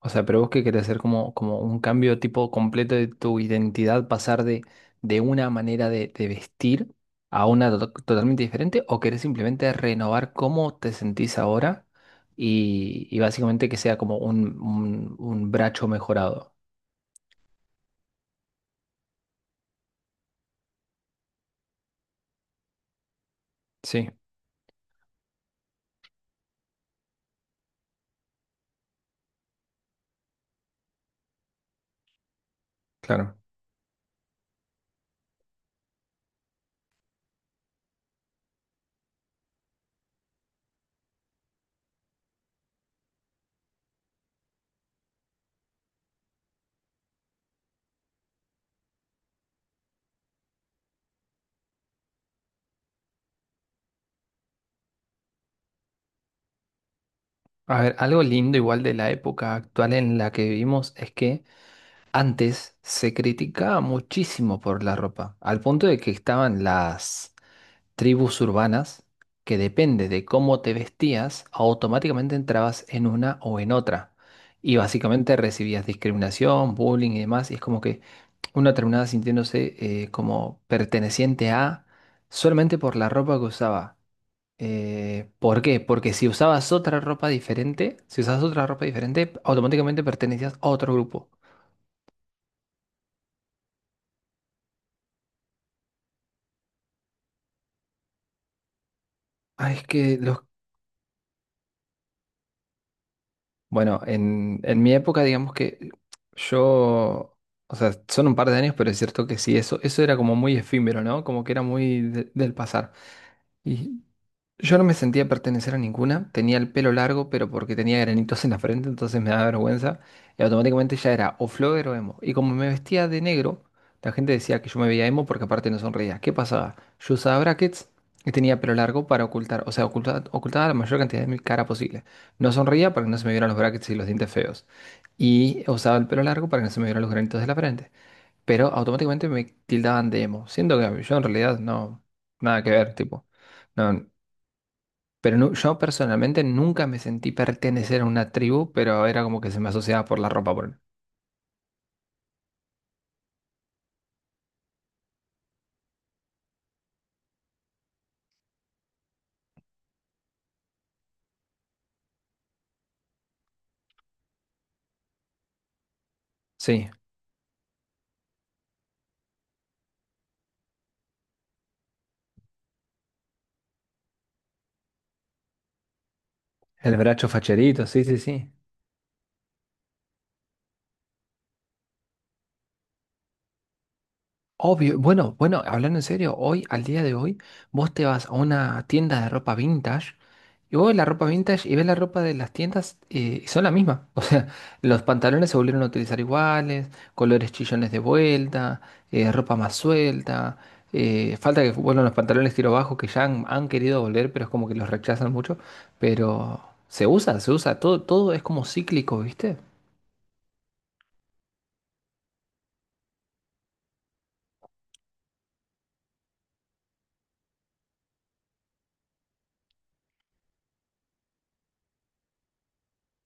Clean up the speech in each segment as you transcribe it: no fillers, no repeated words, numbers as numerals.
O sea, pero vos que querés hacer como un cambio tipo completo de tu identidad, pasar de una manera de vestir a una totalmente diferente, o querés simplemente renovar cómo te sentís ahora y básicamente que sea como un bracho mejorado. Sí, claro. A ver, algo lindo igual de la época actual en la que vivimos es que antes se criticaba muchísimo por la ropa, al punto de que estaban las tribus urbanas que depende de cómo te vestías, automáticamente entrabas en una o en otra. Y básicamente recibías discriminación, bullying y demás. Y es como que uno terminaba sintiéndose como perteneciente a solamente por la ropa que usaba. ¿Por qué? Porque si usabas otra ropa diferente, si usabas otra ropa diferente, automáticamente pertenecías a otro grupo. Ay, es que los... Bueno, en mi época, digamos que yo, o sea, son un par de años, pero es cierto que sí, eso era como muy efímero, ¿no? Como que era muy del pasar. Y yo no me sentía pertenecer a ninguna. Tenía el pelo largo, pero porque tenía granitos en la frente, entonces me daba vergüenza. Y automáticamente ya era o flogger o emo. Y como me vestía de negro, la gente decía que yo me veía emo porque aparte no sonreía. ¿Qué pasaba? Yo usaba brackets y tenía pelo largo para ocultar, o sea, ocultaba la mayor cantidad de mi cara posible. No sonreía para que no se me vieran los brackets y los dientes feos. Y usaba el pelo largo para que no se me vieran los granitos de la frente, pero automáticamente me tildaban de emo, siendo que yo en realidad no, nada que ver, tipo, no, pero yo personalmente nunca me sentí pertenecer a una tribu, pero era como que se me asociaba por la ropa, por... Sí, el bracho facherito, sí, sí, sí. Obvio, bueno, bueno, hablando en serio, hoy, al día de hoy, vos te vas a una tienda de ropa vintage. Y vos ves la ropa vintage y ves la ropa de las tiendas y son la misma. O sea, los pantalones se volvieron a utilizar iguales, colores chillones de vuelta, ropa más suelta. Falta que vuelvan los pantalones tiro bajo que ya han querido volver, pero es como que los rechazan mucho. Pero se usa, se usa. Todo, todo es como cíclico, ¿viste?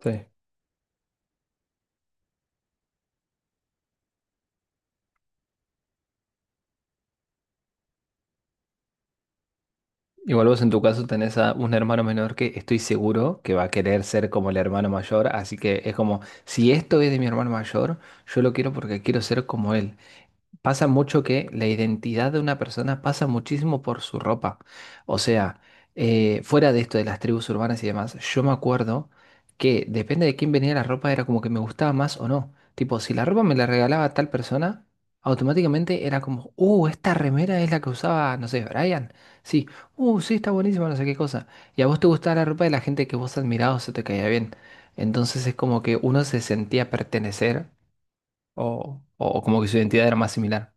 Sí. Igual vos en tu caso tenés a un hermano menor que estoy seguro que va a querer ser como el hermano mayor, así que es como, si esto es de mi hermano mayor, yo lo quiero porque quiero ser como él. Pasa mucho que la identidad de una persona pasa muchísimo por su ropa. O sea, fuera de esto de las tribus urbanas y demás, yo me acuerdo que depende de quién venía la ropa, era como que me gustaba más o no. Tipo, si la ropa me la regalaba tal persona, automáticamente era como, esta remera es la que usaba, no sé, Brian. Sí, sí, está buenísima, no sé qué cosa. Y a vos te gustaba la ropa de la gente que vos admirabas o se te caía bien. Entonces es como que uno se sentía pertenecer o como que su identidad era más similar.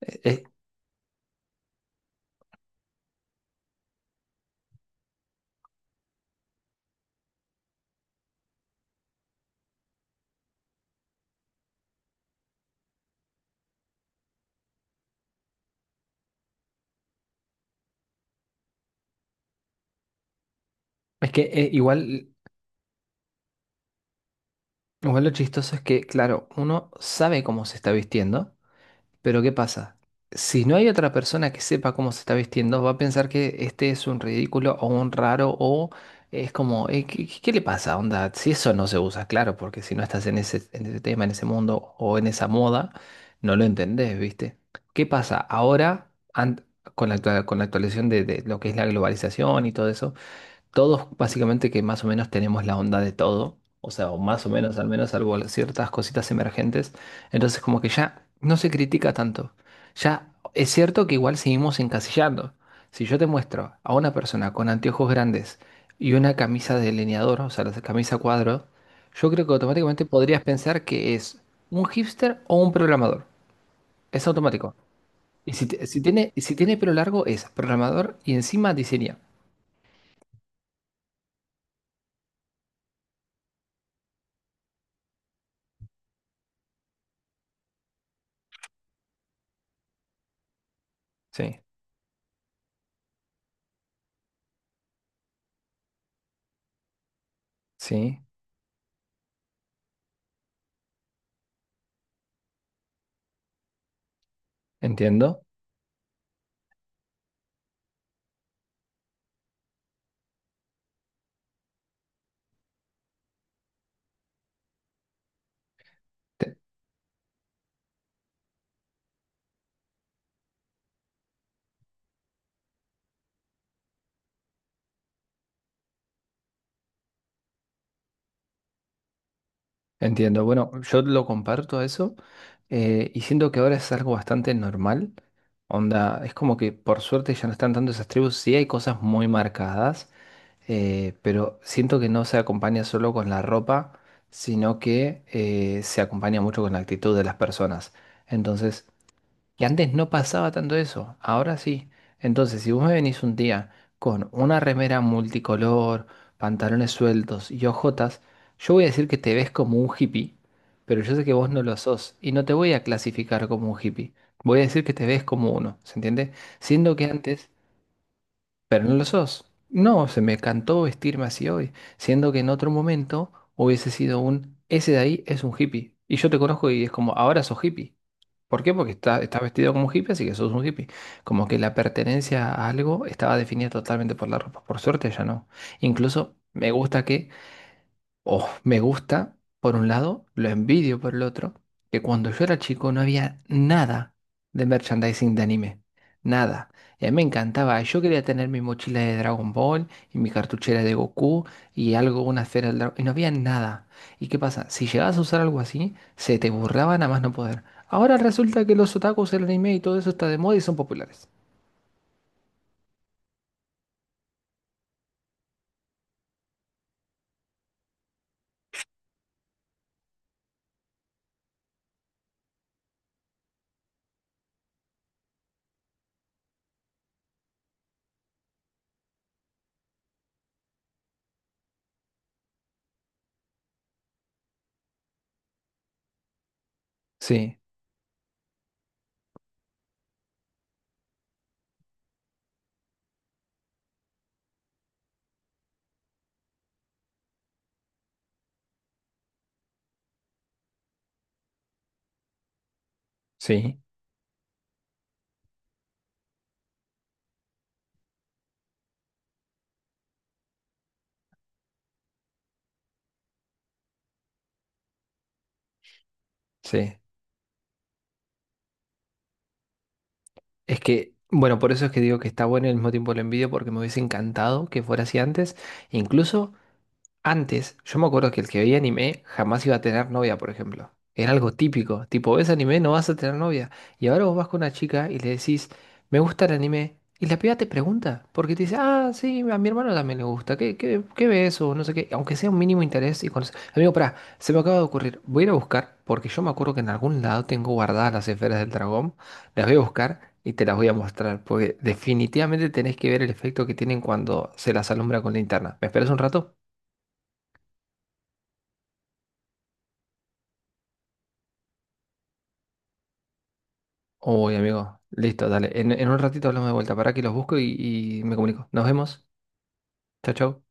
Es, es que igual, igual lo chistoso es que, claro, uno sabe cómo se está vistiendo, pero ¿qué pasa? Si no hay otra persona que sepa cómo se está vistiendo, va a pensar que este es un ridículo o un raro o es como, ¿qué le pasa? Onda, si eso no se usa, claro, porque si no estás en ese tema, en ese mundo o en esa moda, no lo entendés, ¿viste? ¿Qué pasa? Ahora, con la actualización de lo que es la globalización y todo eso. Todos básicamente que más o menos tenemos la onda de todo, o sea, o más o menos, al menos salvo ciertas cositas emergentes, entonces como que ya no se critica tanto. Ya es cierto que igual seguimos encasillando. Si yo te muestro a una persona con anteojos grandes y una camisa de delineador, o sea, la camisa cuadro, yo creo que automáticamente podrías pensar que es un hipster o un programador. Es automático. Si tiene pelo largo, es programador y encima diseña. Sí, sí, entiendo. Te- Entiendo. Bueno, yo lo comparto a eso, y siento que ahora es algo bastante normal. Onda, es como que por suerte ya no están tanto esas tribus. Sí hay cosas muy marcadas, pero siento que no se acompaña solo con la ropa, sino que se acompaña mucho con la actitud de las personas. Entonces, que antes no pasaba tanto eso, ahora sí. Entonces, si vos me venís un día con una remera multicolor, pantalones sueltos y ojotas, yo voy a decir que te ves como un hippie, pero yo sé que vos no lo sos y no te voy a clasificar como un hippie. Voy a decir que te ves como uno, ¿se entiende? Siendo que antes, pero no lo sos. No, se me cantó vestirme así hoy, siendo que en otro momento hubiese sido un, ese de ahí es un hippie. Y yo te conozco y es como, ahora sos hippie. ¿Por qué? Porque estás vestido como un hippie, así que sos un hippie. Como que la pertenencia a algo estaba definida totalmente por la ropa. Por suerte ya no. Incluso me gusta que Oh, me gusta, por un lado, lo envidio por el otro, que cuando yo era chico no había nada de merchandising de anime, nada. Y a mí me encantaba, yo quería tener mi mochila de Dragon Ball y mi cartuchera de Goku y algo, una esfera del dragón, y no había nada. ¿Y qué pasa? Si llegabas a usar algo así, se te burlaban a más no poder. Ahora resulta que los otakus, el anime y todo eso está de moda y son populares. Sí, sí, sí. Es que, bueno, por eso es que digo que está bueno y al mismo tiempo lo envidio porque me hubiese encantado que fuera así antes. Incluso antes, yo me acuerdo que el que veía anime jamás iba a tener novia, por ejemplo. Era algo típico. Tipo, ves anime, no vas a tener novia. Y ahora vos vas con una chica y le decís, me gusta el anime. Y la piba te pregunta, porque te dice, ah, sí, a mi hermano también le gusta. ¿Qué ves? O no sé qué. Aunque sea un mínimo interés y Amigo, pará, se me acaba de ocurrir. Voy a ir a buscar, porque yo me acuerdo que en algún lado tengo guardadas las esferas del dragón. Las voy a buscar y te las voy a mostrar, porque definitivamente tenés que ver el efecto que tienen cuando se las alumbra con linterna. ¿Me esperas un rato? Uy, amigo. Listo, dale. En un ratito hablamos de vuelta. Para que los busco y me comunico. Nos vemos. Chao, chao.